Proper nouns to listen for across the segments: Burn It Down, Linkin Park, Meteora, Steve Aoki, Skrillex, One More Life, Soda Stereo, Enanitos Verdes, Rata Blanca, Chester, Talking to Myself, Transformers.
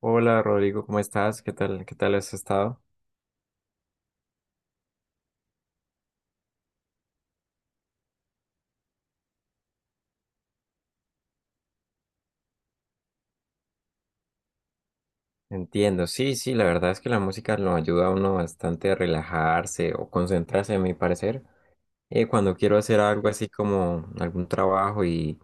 Hola Rodrigo, ¿cómo estás? ¿Qué tal? ¿Qué tal has estado? Entiendo, sí, sí, la verdad es que la música lo ayuda a uno bastante a relajarse o concentrarse, a mi parecer. Cuando quiero hacer algo así como algún trabajo y,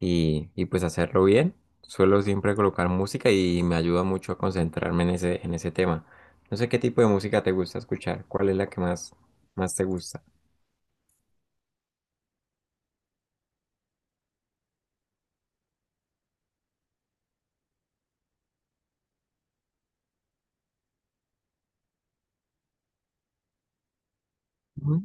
y, y pues hacerlo bien, suelo siempre colocar música y me ayuda mucho a concentrarme en ese tema. No sé qué tipo de música te gusta escuchar, cuál es la que más te gusta. Ujú.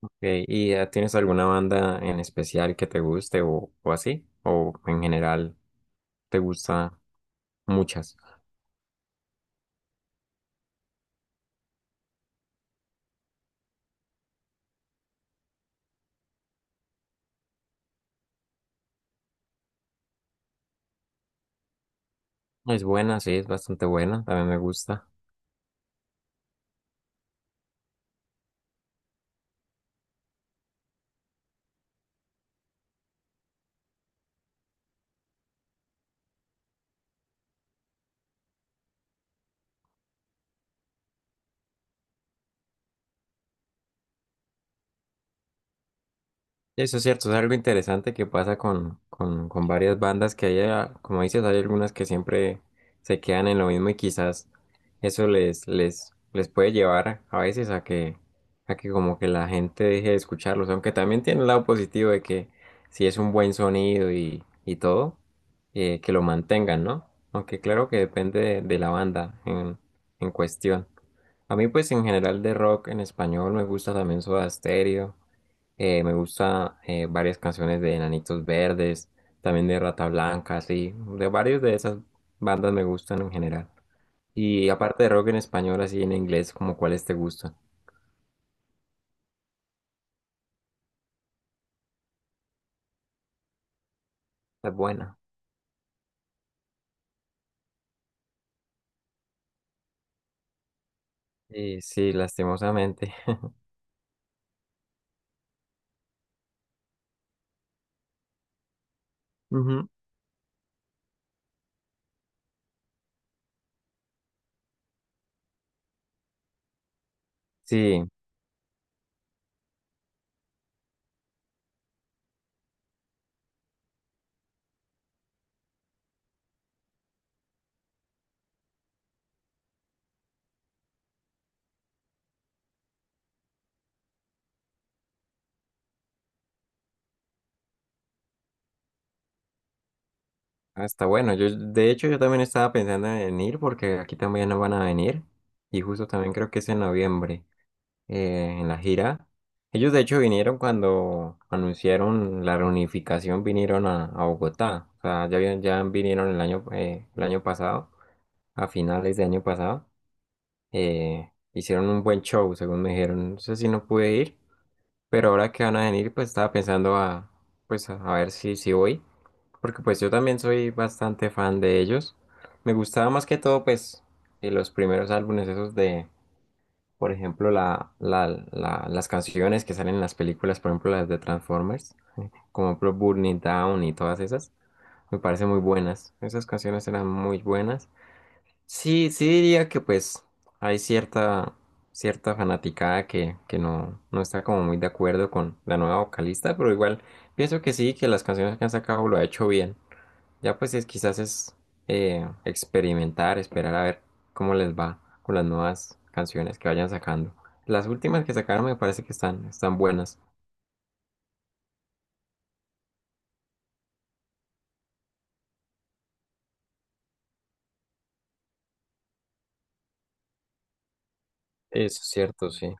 Ok, ¿Y tienes alguna banda en especial que te guste o así? ¿O en general? Te gusta muchas. Es buena, sí, es bastante buena, también me gusta. Y eso es cierto, es algo interesante que pasa con, con varias bandas que hay, ah, como dices, hay algunas que siempre se quedan en lo mismo y quizás eso les puede llevar a veces a que como que la gente deje de escucharlos, aunque también tiene el lado positivo de que si es un buen sonido y todo, que lo mantengan, ¿no? Aunque claro que depende de la banda en cuestión. A mí, pues, en general de rock en español me gusta también Soda Stereo, me gusta varias canciones de Enanitos Verdes, también de Rata Blanca, sí, de varios de esas bandas me gustan en general. Y aparte de rock en español, así en inglés, como cuáles te gustan? Está buena. Sí, sí, lastimosamente. Ujú. Sí, hasta bueno. Yo, de hecho, yo también estaba pensando en ir porque aquí también no van a venir y justo también creo que es en noviembre, en la gira. Ellos de hecho vinieron cuando anunciaron la reunificación, vinieron a Bogotá. O sea, ya, habían- ya vinieron el año pasado, a finales de año pasado. Hicieron un buen show, según me dijeron. No sé si no pude ir, pero ahora que van a venir, pues estaba pensando a, pues, a ver si, si voy. Porque pues yo también soy bastante fan de ellos. Me gustaba más que todo, pues, los primeros álbumes esos de por ejemplo, las canciones que salen en las películas, por ejemplo, las de Transformers, como por ejemplo Burn It Down y todas esas, me parecen muy buenas. Esas canciones eran muy buenas. Sí, sí diría que pues hay cierta, cierta fanaticada que no, no está como muy de acuerdo con la nueva vocalista, pero igual pienso que sí, que las canciones que han sacado lo ha hecho bien. Ya pues es quizás es experimentar, esperar a ver cómo les va con las nuevas canciones que vayan sacando. Las últimas que sacaron me parece que están buenas. Eso es cierto, sí.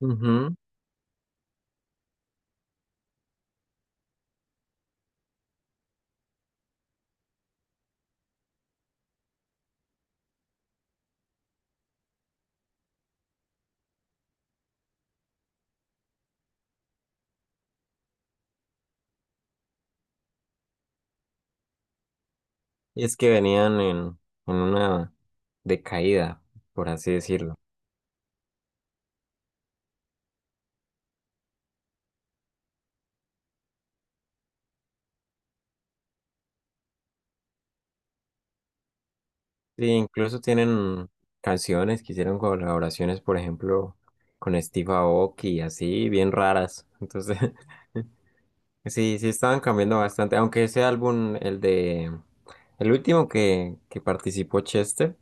Ujú. Y es que venían en una decaída, por así decirlo. Sí, incluso tienen canciones que hicieron colaboraciones, por ejemplo, con Steve Aoki y así, bien raras. Entonces, sí, sí estaban cambiando bastante, aunque ese álbum, el de, el último que participó Chester,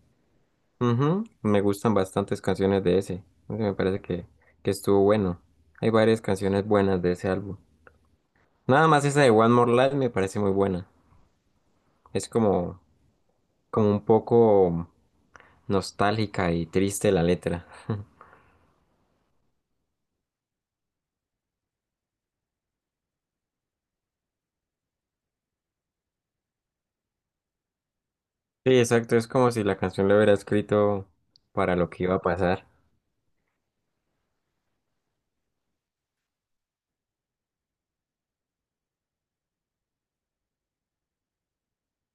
ujú, me gustan bastantes canciones de ese, ese me parece que estuvo bueno, hay varias canciones buenas de ese álbum, nada más esa de One More Life me parece muy buena, es como, como un poco nostálgica y triste la letra, sí, exacto, es como si la canción la hubiera escrito para lo que iba a pasar.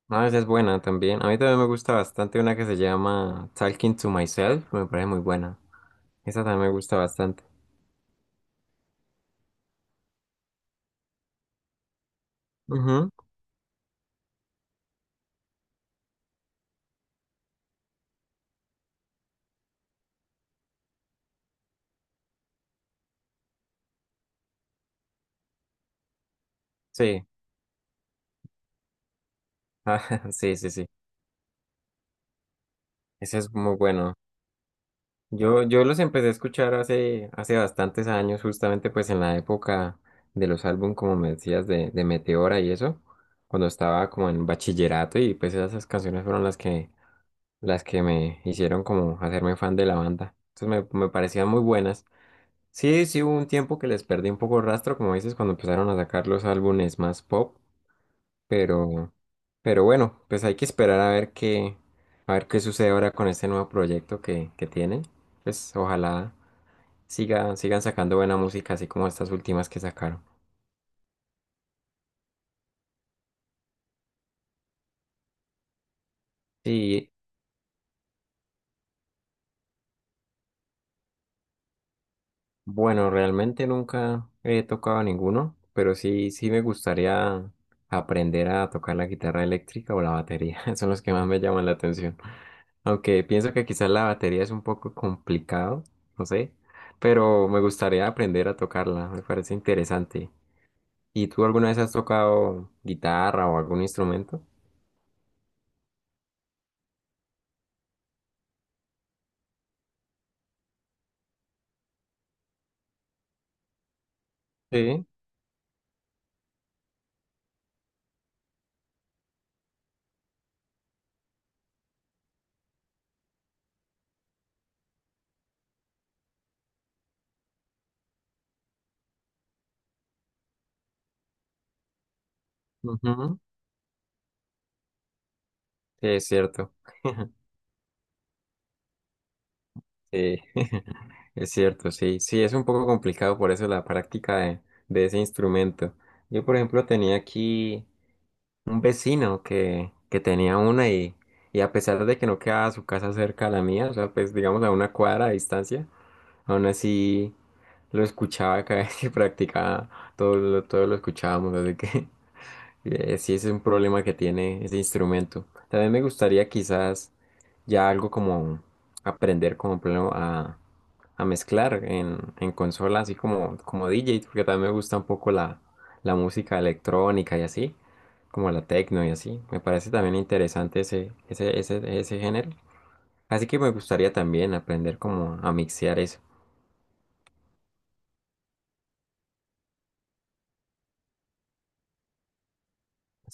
No, esa es buena también. A mí también me gusta bastante una que se llama Talking to Myself. Me parece muy buena. Esa también me gusta bastante. Ujú. Sí. Ah, sí, sí, sí. Esa es muy bueno. Yo los empecé a escuchar hace, hace bastantes años, justamente pues en la época de los álbumes, como me decías, de Meteora y eso, cuando estaba como en bachillerato y pues esas canciones fueron las que me hicieron como hacerme fan de la banda. Entonces me parecían muy buenas. Sí, sí hubo un tiempo que les perdí un poco rastro, como dices, cuando empezaron a sacar los álbumes más pop, pero, pero bueno, pues hay que esperar a ver qué sucede ahora con este nuevo proyecto que tienen. Pues ojalá siga, sigan sacando buena música, así como estas últimas que sacaron. Sí, bueno, realmente nunca he tocado ninguno, pero sí, sí me gustaría aprender a tocar la guitarra eléctrica o la batería. Son los que más me llaman la atención. Aunque pienso que quizás la batería es un poco complicado, no sé, pero me gustaría aprender a tocarla, me parece interesante. ¿Y tú alguna vez has tocado guitarra o algún instrumento? Sí, ujú, sí, es cierto, sí, es cierto, sí, sí, es un poco complicado por eso la práctica de ese instrumento. Yo, por ejemplo, tenía aquí un vecino que tenía una y a pesar de que no quedaba su casa cerca a la mía, o sea, pues digamos a una cuadra de distancia, aún así, lo escuchaba cada vez que practicaba, todo todo lo escuchábamos, así que sí es un problema que tiene ese instrumento. También me gustaría quizás ya algo como aprender como por ejemplo, a mezclar en consola, así como, como DJ, porque también me gusta un poco la, la música electrónica y así, como la techno y así. Me parece también interesante ese género. Así que me gustaría también aprender como a mixear eso.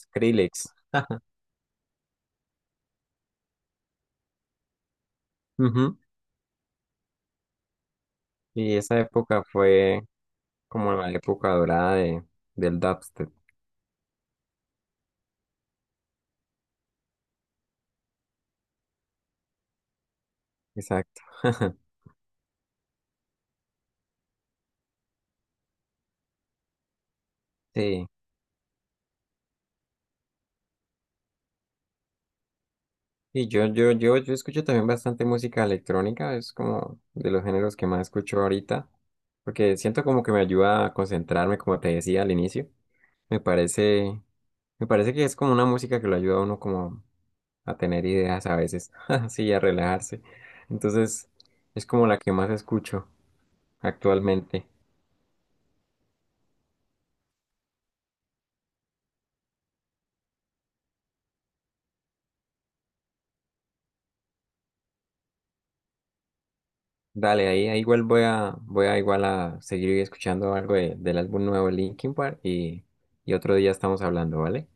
Skrillex. Ujú. Y esa época fue como la época dorada de, del dubstep. Exacto. Sí. Y yo escucho también bastante música electrónica, es como de los géneros que más escucho ahorita, porque siento como que me ayuda a concentrarme, como te decía al inicio. Me parece, me parece que es como una música que lo ayuda a uno como a tener ideas a veces, sí, a relajarse. Entonces, es como la que más escucho actualmente. Dale, ahí igual voy a, voy a igual a seguir escuchando algo de- del álbum nuevo de Linkin Park y otro día estamos hablando, ¿vale?